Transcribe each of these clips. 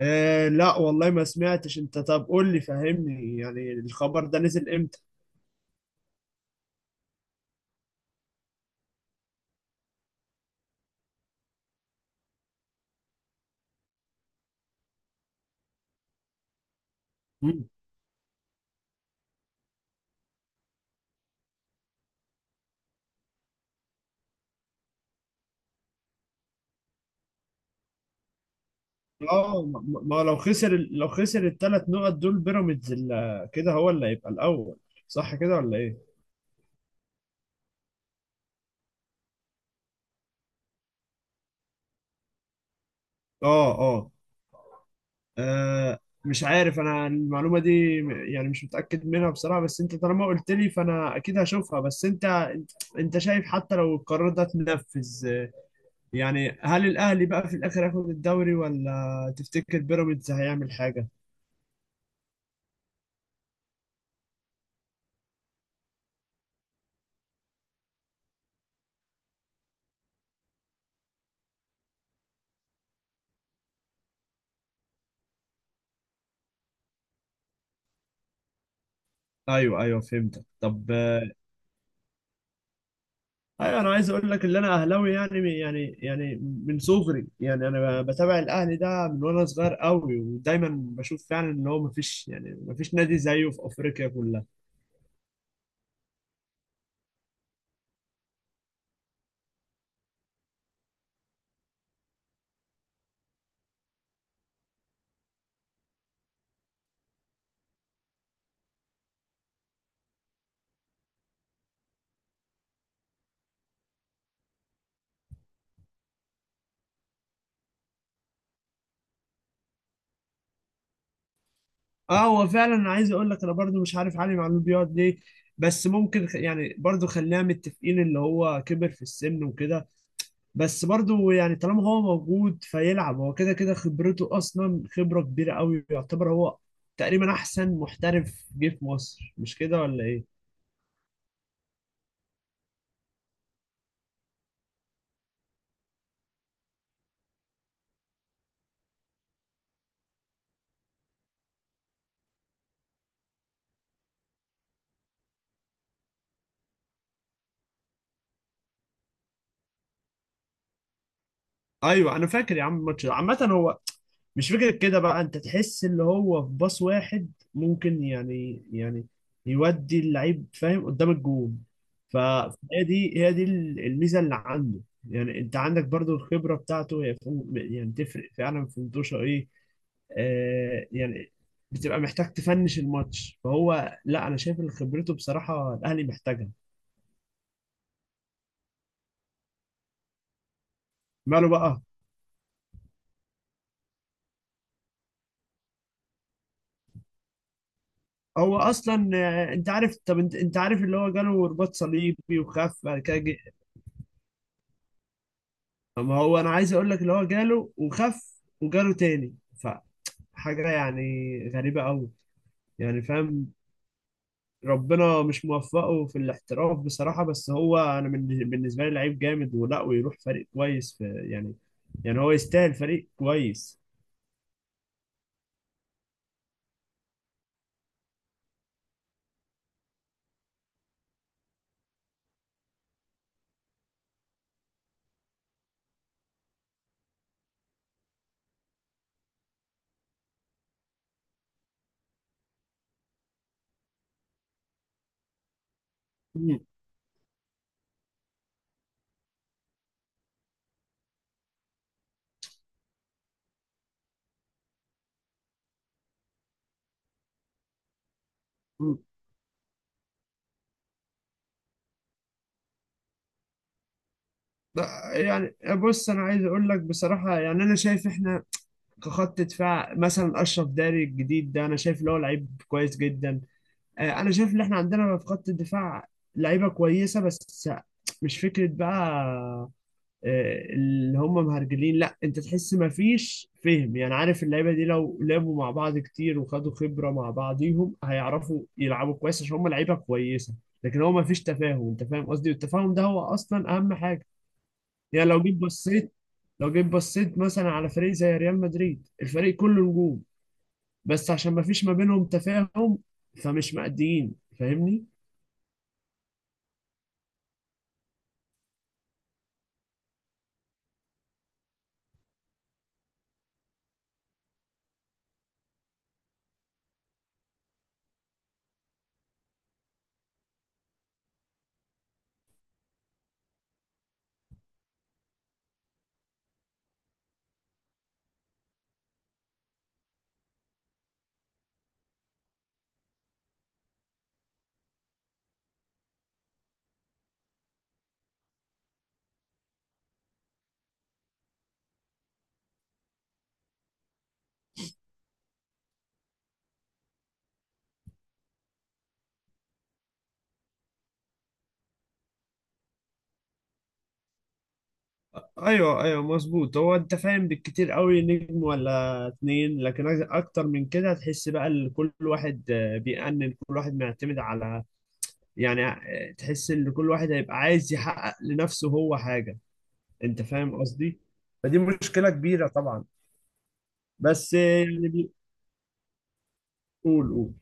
لا والله ما سمعتش، انت طب قول لي فهمني، يعني الخبر ده نزل امتى؟ مم. ما، لو خسر لو خسر الثلاث نقط دول بيراميدز كده، هو اللي هيبقى الاول، صح كده ولا ايه؟ اه اه آه، مش عارف انا المعلومه دي يعني مش متاكد منها بصراحه، بس انت طالما قلت لي فانا اكيد هشوفها. بس انت أنت شايف، حتى لو القرار ده اتنفذ، يعني هل الاهلي بقى في الاخر هياخد الدوري ولا تفتكر بيراميدز هيعمل حاجه؟ ايوه ايوه فهمتك. طب ايوه، انا عايز اقول لك ان انا اهلاوي، يعني من صغري، يعني انا بتابع الاهلي ده من وانا صغير قوي، ودايما بشوف فعلا ان هو مفيش، يعني مفيش نادي زيه في افريقيا كلها. اه، هو فعلا انا عايز اقول لك، انا برضو مش عارف علي معلول بيقعد ليه. بس ممكن يعني برضو خلينا متفقين اللي هو كبر في السن وكده. بس برضو يعني طالما هو موجود فيلعب، هو كده كده خبرته اصلا خبرة كبيرة قوي، يعتبر هو تقريبا احسن محترف جه في مصر، مش كده ولا ايه؟ ايوه، انا فاكر يا عم الماتش ده. عامة، هو مش فكرة كده بقى، انت تحس اللي هو في باص واحد ممكن، يودي اللعيب، فاهم، قدام الجون. فهي دي الميزة اللي عنده. يعني انت عندك برضو الخبرة بتاعته، هي يعني تفرق فعلا في انتوشة ايه. يعني بتبقى محتاج تفنش الماتش، فهو لا، انا شايف ان خبرته بصراحه الاهلي محتاجها. ماله بقى؟ هو اصلا، انت عارف، طب انت عارف اللي هو جاله رباط صليبي وخف بعد كده ما هو انا عايز اقول لك، اللي هو جاله وخف وجاله تاني، فحاجه يعني غريبه قوي، يعني فاهم. ربنا مش موفقه في الاحتراف بصراحه، بس هو انا بالنسبه لي لعيب جامد، ولا ويروح فريق كويس في، يعني يعني هو يستاهل فريق كويس. مم. لا، يعني بص، انا عايز اقول لك بصراحه، يعني انا شايف احنا كخط دفاع، مثلا اشرف داري الجديد ده انا شايف اللي هو لعيب كويس جدا. انا شايف ان احنا عندنا في خط الدفاع لعيبه كويسه، بس مش فكره بقى اللي هم مهرجلين، لا، انت تحس ما فيش فهم، يعني عارف، اللعيبه دي لو لعبوا مع بعض كتير وخدوا خبره مع بعضيهم هيعرفوا يلعبوا كويس، عشان هم لعيبه كويسه. لكن هو ما فيش تفاهم، انت فاهم قصدي، والتفاهم ده هو اصلا اهم حاجه. يعني لو جيت بصيت، لو جيت بصيت مثلا على فريق زي ريال مدريد، الفريق كله نجوم، بس عشان ما فيش ما بينهم تفاهم، فمش مأديين، فاهمني؟ ايوه ايوه مظبوط. هو انت فاهم، بالكتير قوي نجم ولا اتنين، لكن اكتر من كده هتحس بقى ان كل واحد، بيأنن، كل واحد معتمد على، يعني تحس ان كل واحد هيبقى عايز يحقق لنفسه هو حاجة. انت فاهم قصدي؟ فدي مشكلة كبيرة طبعا. بس يعني قول قول.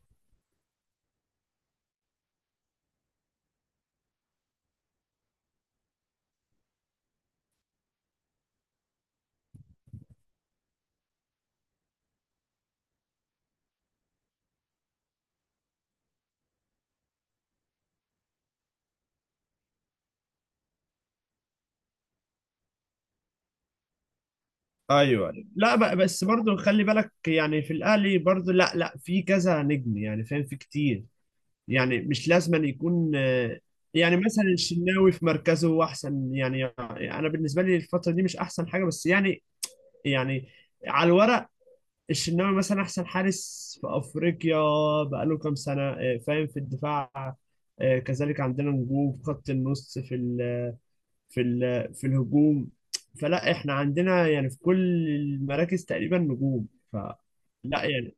ايوه، لا ب- بس برضو خلي بالك، يعني في الاهلي برضو لا لا، في كذا نجم، يعني فاهم، في كتير. يعني مش لازم أن يكون يعني مثلا الشناوي في مركزه هو احسن، يعني انا بالنسبه لي الفتره دي مش احسن حاجه، بس يعني، يعني على الورق، الشناوي مثلا احسن حارس في افريقيا بقاله كام سنه، فاهم، في الدفاع، كذلك عندنا نجوم في خط النص، في في الهجوم، فلا، احنا عندنا يعني في كل المراكز تقريبا نجوم، فلا يعني.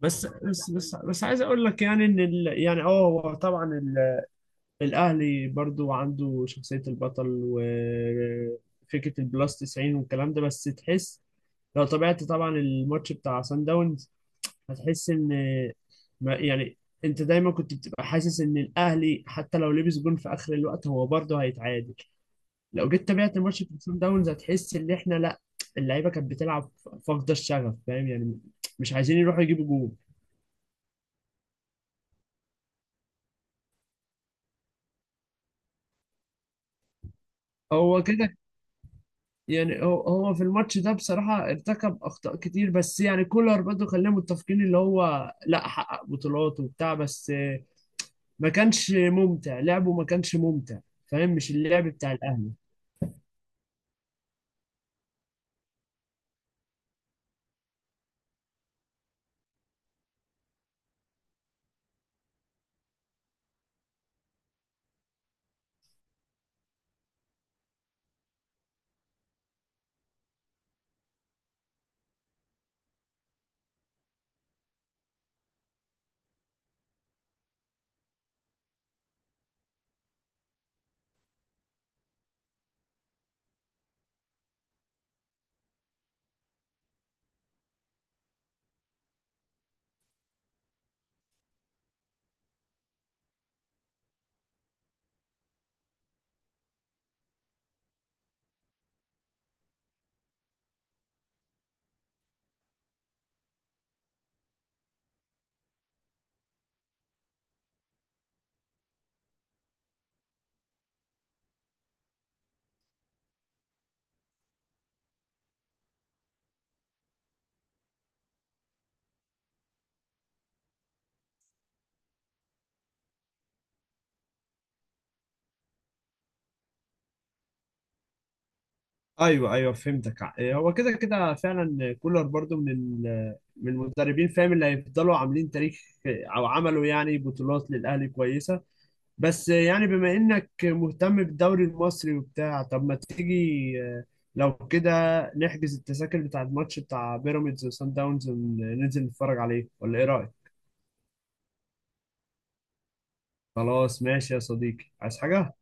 بس عايز اقول لك، يعني ان ال، يعني اه هو طبعا الاهلي برضو عنده شخصية البطل وفكرة البلس 90 والكلام ده، بس تحس لو تابعت طبعا الماتش بتاع سان داونز، هتحس ان يعني انت دايما كنت بتبقى حاسس ان الاهلي حتى لو لبس جون في اخر الوقت هو برضه هيتعادل. لو جيت تابعت ماتش بتاع سان داونز هتحس ان احنا لا، اللعيبه كانت بتلعب فاقده الشغف، فاهم يعني، مش عايزين يروحوا يجيبوا جول. هو كده. يعني هو في الماتش ده بصراحه ارتكب اخطاء كتير، بس يعني كولر برضه خلينا متفقين اللي هو لا، حقق بطولات وبتاع، بس ما كانش ممتع لعبه، ما كانش ممتع، فاهم، مش اللعب بتاع الاهلي. ايوه ايوه فهمتك. إيه، هو كده كده فعلا كولر برضو من من المدربين، فاهم، اللي هيفضلوا عاملين تاريخ او عملوا يعني بطولات للاهلي كويسه. بس يعني بما انك مهتم بالدوري المصري وبتاع، طب ما تيجي، آه، لو كده، نحجز التذاكر بتاع الماتش بتاع بيراميدز وسان داونز وننزل نتفرج عليه، ولا ايه رايك؟ خلاص، ماشي يا صديقي، عايز حاجه؟